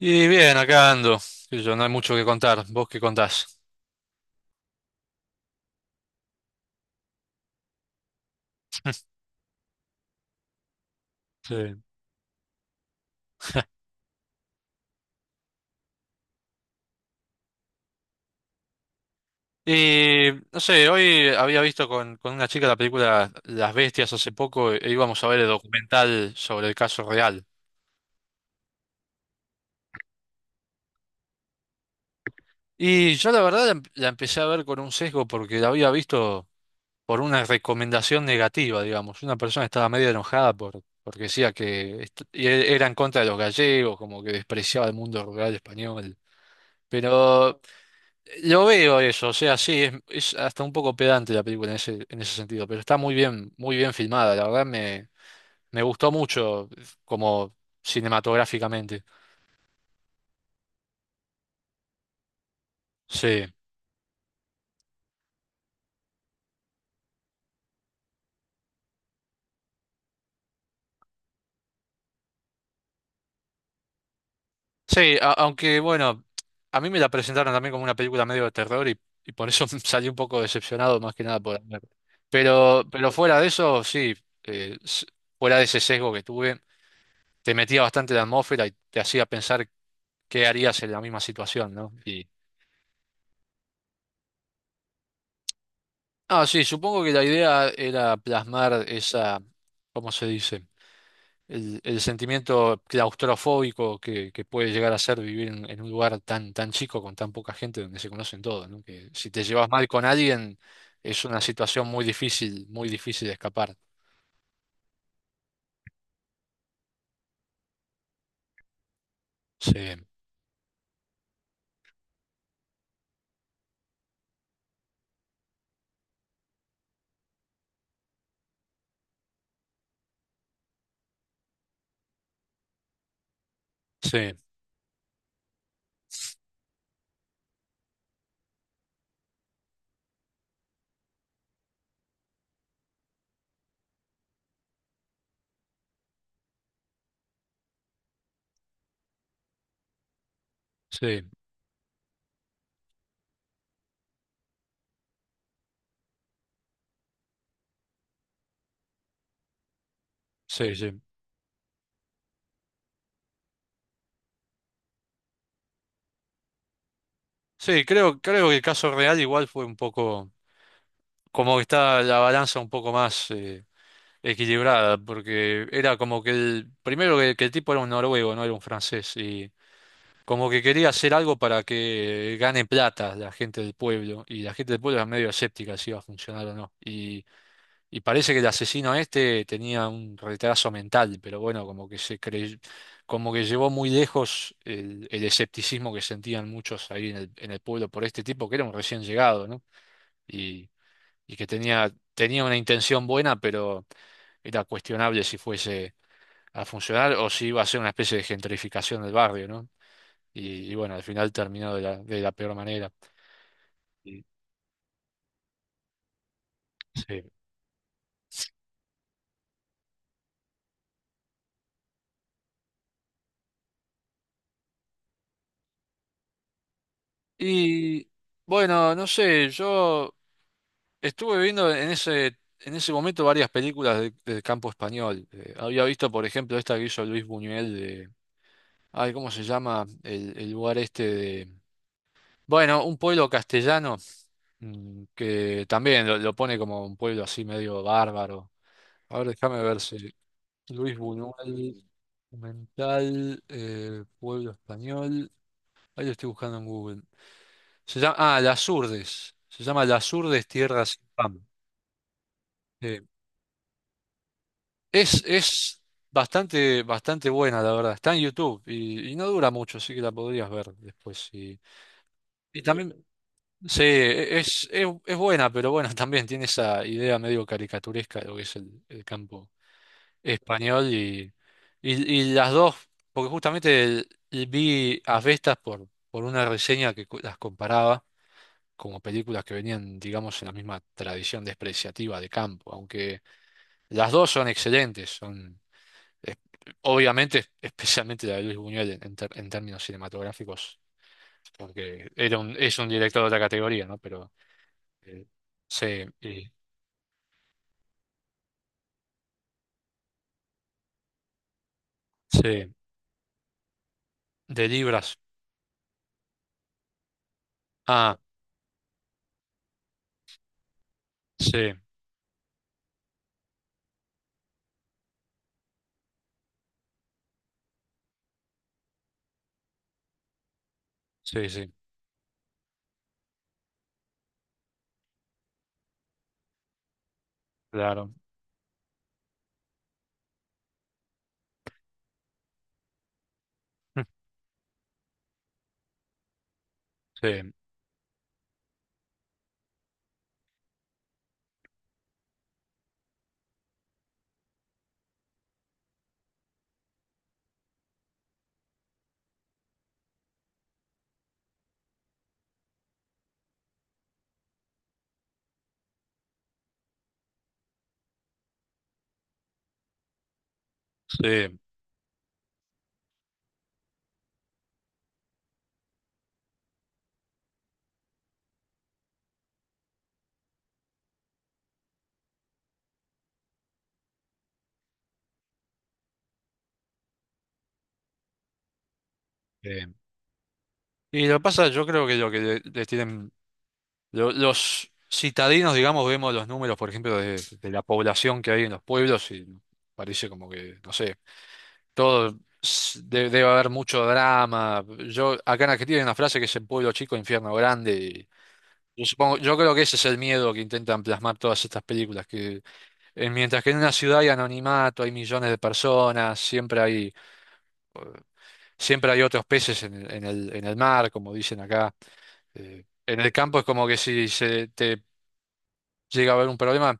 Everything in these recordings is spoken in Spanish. Y bien, acá ando. Qué sé yo, no hay mucho que contar. ¿Vos qué contás? Sí. Y no sé, hoy había visto con una chica la película Las Bestias hace poco e íbamos a ver el documental sobre el caso real. Y yo la verdad la empecé a ver con un sesgo porque la había visto por una recomendación negativa, digamos. Una persona estaba medio enojada porque decía que era en contra de los gallegos, como que despreciaba el mundo rural español. Pero yo veo eso, o sea, sí, es hasta un poco pedante la película en en ese sentido, pero está muy bien filmada, me gustó mucho como cinematográficamente. Sí, sí, aunque bueno, a mí me la presentaron también como una película medio de terror y por eso salí un poco decepcionado más que nada por... pero fuera de eso, sí, eh, s- fuera de ese sesgo que tuve, te metía bastante en la atmósfera y te hacía pensar qué harías en la misma situación, ¿no? Ah, sí, supongo que la idea era plasmar esa, ¿cómo se dice? El sentimiento claustrofóbico que puede llegar a ser vivir en un lugar tan, tan chico, con tan poca gente, donde se conocen todos, ¿no? Que si te llevas mal con alguien, es una situación muy difícil de escapar. Sí, sí, sí, sí, sí. Sí, creo que el caso real igual fue un poco, como que está la balanza un poco más, equilibrada, porque era como que el, primero que el tipo era un noruego, no era un francés, y como que quería hacer algo para que gane plata la gente del pueblo, y la gente del pueblo era medio escéptica si iba a funcionar o no. Y parece que el asesino este tenía un retraso mental, pero bueno, como que llevó muy lejos el escepticismo que sentían muchos ahí en el pueblo por este tipo, que era un recién llegado, ¿no? Y, y que tenía, tenía una intención buena, pero era cuestionable si fuese a funcionar o si iba a ser una especie de gentrificación del barrio, ¿no? Y bueno, al final terminó de la peor manera. Y, sí. Y, bueno, no sé, yo estuve viendo en ese momento varias películas del campo español. Había visto, por ejemplo, esta que hizo Luis Buñuel de... Ay, ¿cómo se llama? El lugar este de... Bueno, un pueblo castellano, que también lo pone como un pueblo así medio bárbaro. A ver, déjame ver si, Luis Buñuel, documental, pueblo español. Ahí lo estoy buscando en Google. Se llama, ah, Las Urdes. Se llama Las Urdes, Tierra sin Pan. Eh, es bastante, bastante buena, la verdad. Está en YouTube y no dura mucho, así que la podrías ver después. Y también, sí, es buena, pero bueno, también tiene esa idea medio caricaturesca de lo que es el campo español y, y las dos, porque justamente vi a Vestas por una reseña que las comparaba como películas que venían, digamos, en la misma tradición despreciativa de campo, aunque las dos son excelentes, es- obviamente, especialmente la de Luis Buñuel en, en términos cinematográficos, porque era es un director de otra categoría, ¿no? Pero eh, sí, sí, de libras. Ah, sí, sí, sí, claro. Sí, sí. Eh, y lo que pasa, yo creo que lo que les tienen los citadinos, digamos, vemos los números, por ejemplo, de la población que hay en los pueblos y parece como que, no sé, todo debe haber mucho drama. Yo acá en Argentina hay una frase que es el pueblo chico, infierno grande. Y yo supongo, yo creo que ese es el miedo que intentan plasmar todas estas películas, que mientras que en una ciudad hay anonimato, hay millones de personas, siempre hay otros peces en el, en el mar, como dicen acá. En el campo es como que si se te llega a haber un problema.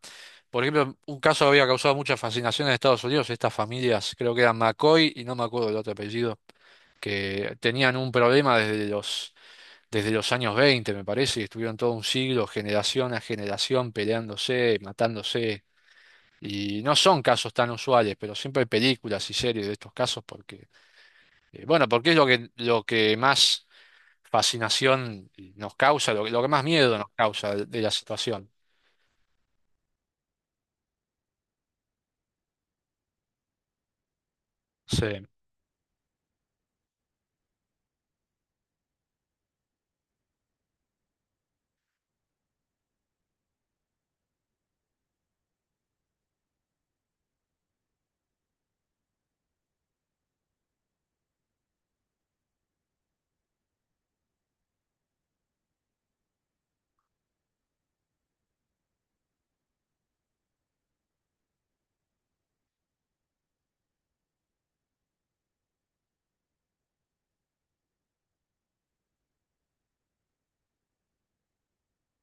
Por ejemplo, un caso había causado mucha fascinación en Estados Unidos, estas familias, creo que eran McCoy y no me acuerdo del otro apellido, que tenían un problema desde los años 20, me parece, y estuvieron todo un siglo, generación a generación, peleándose, matándose. Y no son casos tan usuales, pero siempre hay películas y series de estos casos porque, bueno, porque es lo que más fascinación nos causa, que lo que más miedo nos causa de la situación. Sí.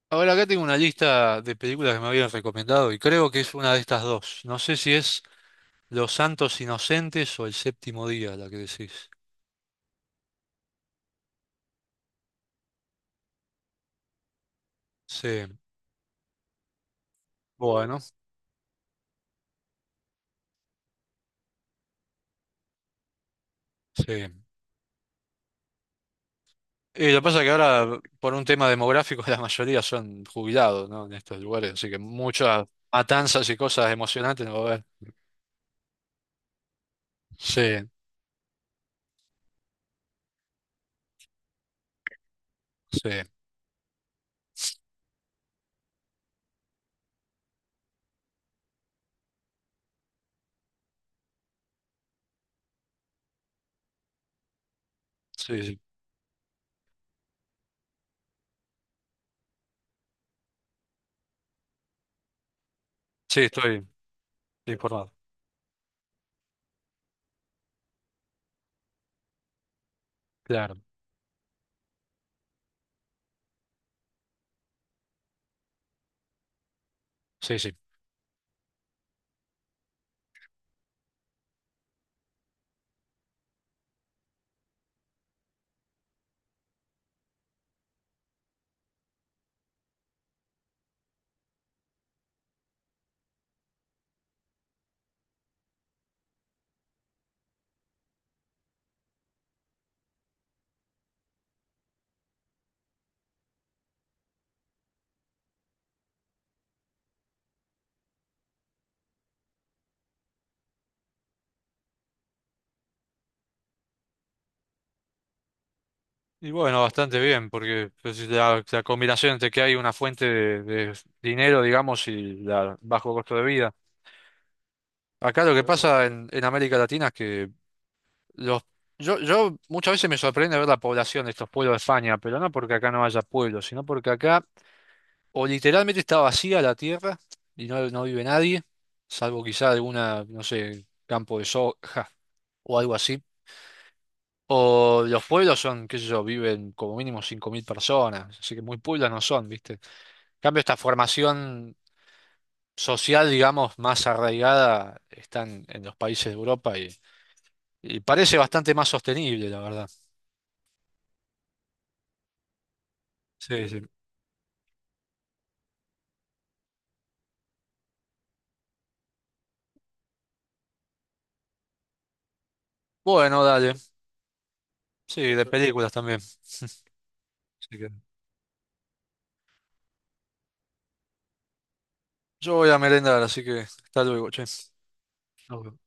Ahora acá tengo una lista de películas que me habían recomendado y creo que es una de estas dos. No sé si es Los Santos Inocentes o El Séptimo Día la que decís. Sí, bueno, sí. Y lo que pasa es que ahora, por un tema demográfico, la mayoría son jubilados, ¿no? En estos lugares, así que muchas matanzas y cosas emocionantes no va a haber. Sí, sí, sí, sí. Sí, estoy informado. Claro. Sí, sí. Y bueno, bastante bien, porque pues, si la, la combinación entre que hay una fuente de dinero, digamos, y la bajo costo de vida. Acá lo que claro, pasa en América Latina es que los, yo muchas veces me sorprende ver la población de estos pueblos de España, pero no porque acá no haya pueblos, sino porque acá o literalmente está vacía la tierra y no, no vive nadie, salvo quizá alguna, no sé, campo de soja o algo así. O los pueblos son, qué sé yo, viven como mínimo 5000 personas, así que muy pueblos no son, ¿viste? En cambio, esta formación social, digamos, más arraigada está en los países de Europa y parece bastante más sostenible, la verdad. Sí, sí. Bueno, dale. Sí, de películas también. Así que, yo voy a merendar, así que hasta luego, che. Nos vemos.